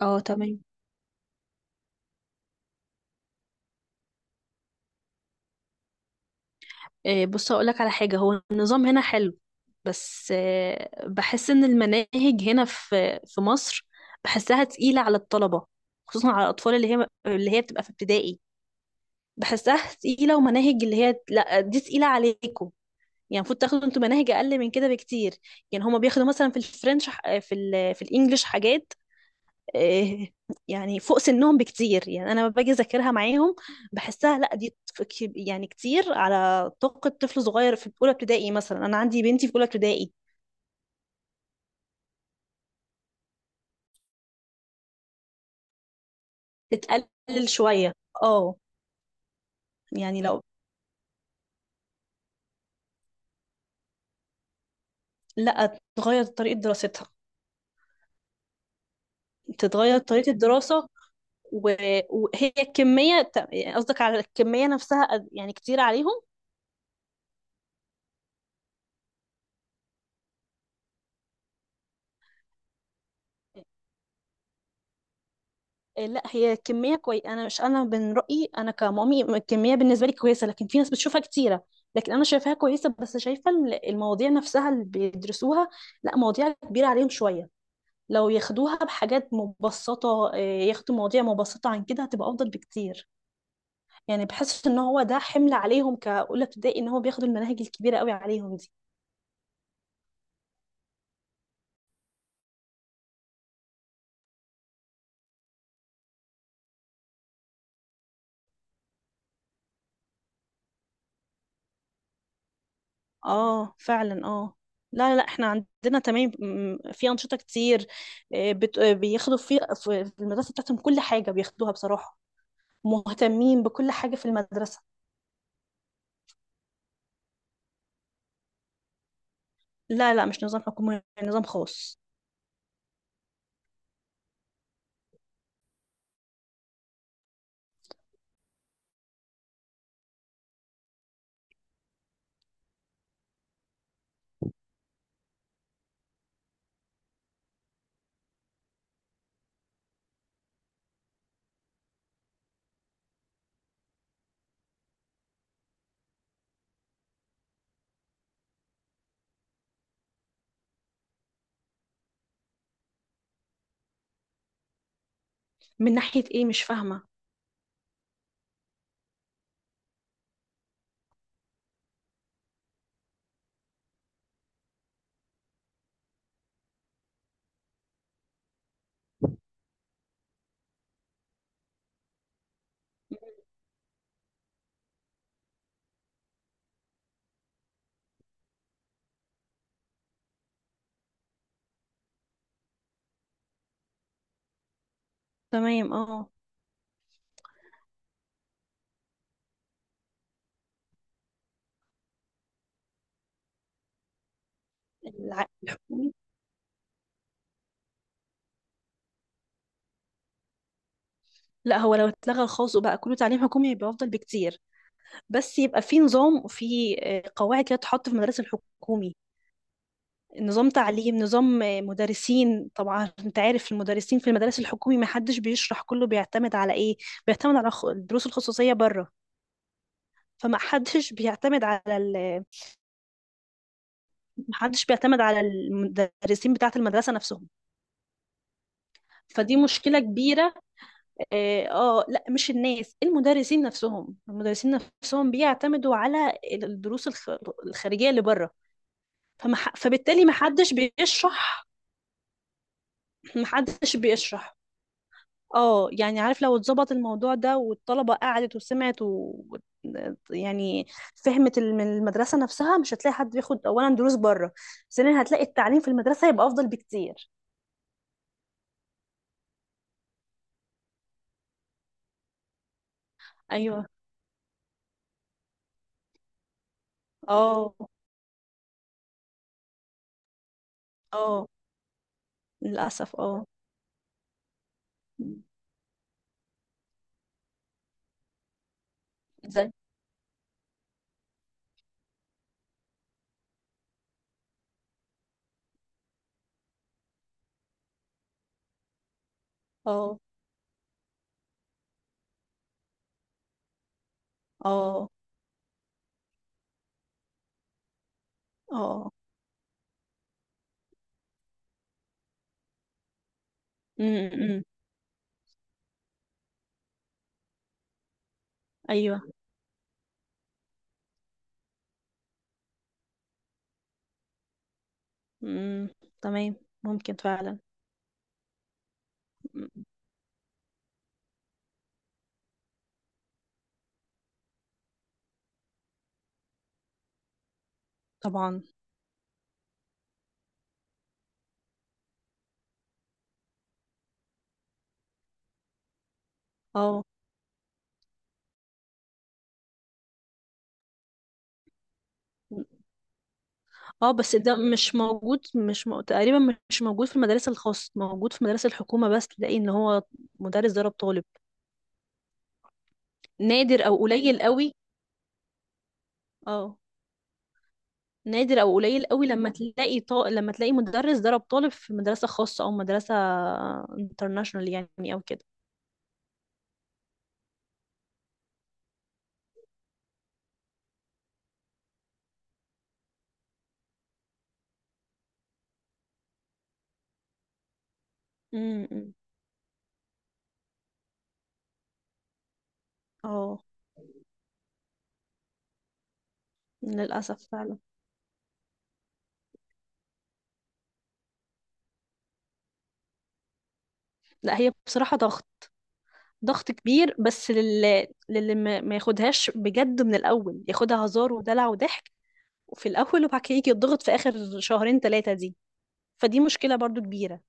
اه تمام. بص هقولك على حاجة، هو النظام هنا حلو. بس بحس ان المناهج هنا في مصر، بحسها تقيلة على الطلبة، خصوصا على الأطفال اللي هي بتبقى في ابتدائي. بحسها تقيلة، ومناهج اللي هي، لا دي تقيلة عليكم. يعني المفروض تاخدوا انتوا مناهج أقل من كده بكتير. يعني هما بياخدوا مثلا في الفرنش، في الإنجليش حاجات، إيه، يعني فوق سنهم بكتير. يعني انا لما باجي اذاكرها معاهم بحسها، لا دي يعني كتير على طاقة طفل صغير في اولى ابتدائي. مثلا انا عندي بنتي في اولى ابتدائي. تتقلل شوية، اه. يعني لو، لا تغير طريقة دراستها. تتغير طريقة الدراسة. وهي الكمية، يعني قصدك على الكمية نفسها؟ يعني كتير عليهم. لا هي كمية كويس، أنا مش، أنا من رأيي، أنا كمامي الكمية بالنسبة لي كويسة، لكن في ناس بتشوفها كتيرة. لكن أنا شايفاها كويسة، بس شايفة المواضيع نفسها اللي بيدرسوها، لا، مواضيع كبيرة عليهم شوية. لو ياخدوها بحاجات مبسطة، ياخدوا مواضيع مبسطة عن كده، هتبقى أفضل بكتير. يعني بحس إن هو ده حمل عليهم كأولى ابتدائي، إن هو بياخدوا المناهج الكبيرة قوي عليهم دي. اه فعلا، اه. لا لا، احنا عندنا تمام، في انشطه كتير. آه، بت... آه، بياخدوا في المدرسه بتاعتهم كل حاجه بياخدوها بصراحه. مهتمين بكل حاجه في المدرسه. لا لا، مش نظام حكومي، نظام خاص. من ناحيه ايه؟ مش فاهمه. تمام، اه. الحكومي. لا هو لو اتلغى الخاص وبقى كله تعليم حكومي يبقى افضل بكتير، بس يبقى في نظام، وفي قواعد كده تحط في المدرسه الحكومي. نظام تعليم، نظام مدرسين. طبعا انت عارف المدرسين في المدارس الحكومي ما حدش بيشرح، كله بيعتمد على ايه، بيعتمد على الدروس الخصوصية بره. فما حدش بيعتمد على ال... ما حدش بيعتمد على المدرسين بتاعة المدرسة نفسهم. فدي مشكلة كبيرة. اه، لا مش الناس، المدرسين نفسهم بيعتمدوا على الدروس الخارجية اللي بره. فبالتالي ما حدش بيشرح. اه يعني عارف، لو اتظبط الموضوع ده والطلبة قعدت وسمعت يعني فهمت، من المدرسة نفسها، مش هتلاقي حد بياخد أولا دروس بره. ثانيا هتلاقي التعليم في المدرسة هيبقى أفضل بكتير. أيوه. اه. اه. للأسف، اه. زي. اه، اه، اه. أمم. أيوه. أمم، تمام، ممكن فعلا. أمم. طبعا. اه. اه. بس ده مش موجود، مش م... تقريبا مش موجود في المدارس الخاصة، موجود في مدارس الحكومة، بس تلاقي ان هو مدرس ضرب طالب. نادر او قليل قوي. اه. نادر او قليل قوي لما تلاقي مدرس ضرب طالب في مدرسة خاصة او مدرسة انترناشونال يعني او كده. امم. اه. للأسف فعلا. لا هي بصراحة ضغط، ضغط كبير. بس للي ما ياخدهاش بجد من الأول، ياخدها هزار ودلع وضحك في الأول، وبعد كده يجي يتضغط في آخر شهرين ثلاثة دي. فدي مشكلة برضو كبيرة،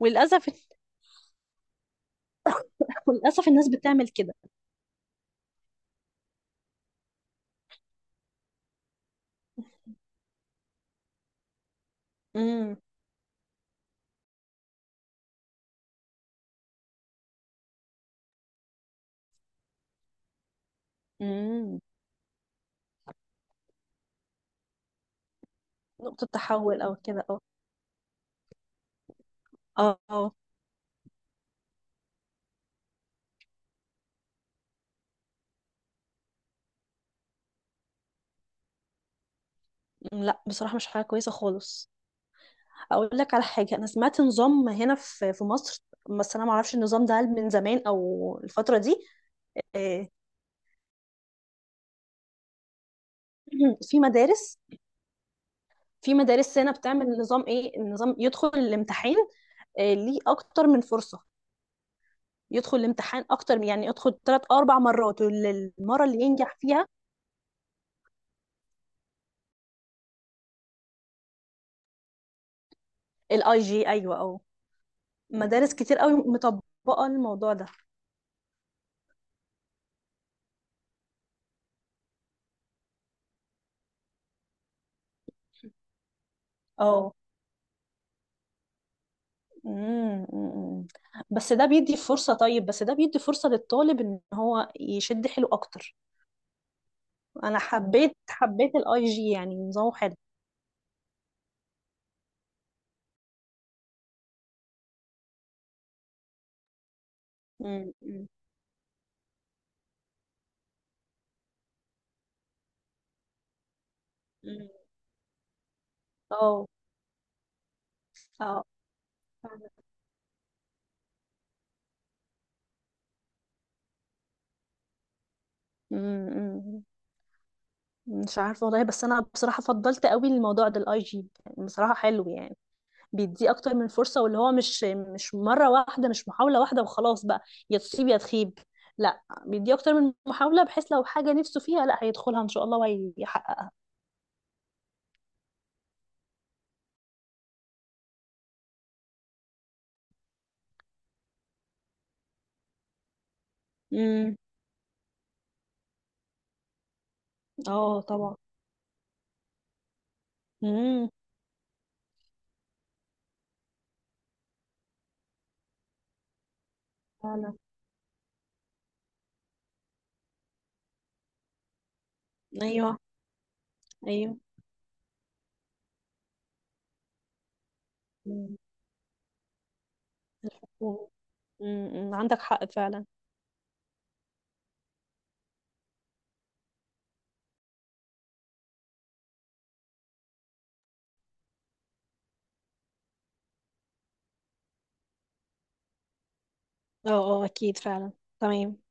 وللأسف. وللأسف الناس بتعمل كده. امم. امم. نقطة تحول أو كده أو، اه، آه. أمم، لا بصراحة مش حاجة كويسة خالص. أقول لك على حاجة، أنا سمعت نظام هنا في مصر، بس أنا معرفش النظام ده هل من زمان أو الفترة دي. آه، في مدارس في مدارس هنا بتعمل نظام. إيه النظام؟ يدخل الامتحان ليه أكتر من فرصة، يدخل الامتحان أكتر، يعني يدخل ثلاث أربع مرات، والمرة اللي ينجح فيها. الاي جي، ايوه، اه. مدارس كتير قوي مطبقة الموضوع ده. اه. مم، مم. بس ده بيدي فرصة طيب، بس ده بيدي فرصة للطالب ان هو يشد حيله اكتر. انا حبيت الاي جي، يعني نظامه حلو. مم، مم، مم. اه اه، فعلا. مم، مم. مش عارفة والله، بس انا بصراحة فضلت قوي الموضوع ده الاي جي، بصراحة حلو يعني. بيديه اكتر من فرصه، واللي هو مش مره واحده، مش محاوله واحده، وخلاص بقى يا تصيب يا تخيب. لا بيديه اكتر من محاوله، بحيث لو حاجه نفسه فيها، لا هيدخلها ان شاء الله وهيحققها. امم. اه، طبعا. امم، فعلا. ايوه. ايوه. امم، عندك حق فعلا. اه، اه، اكيد فعلا. تمام.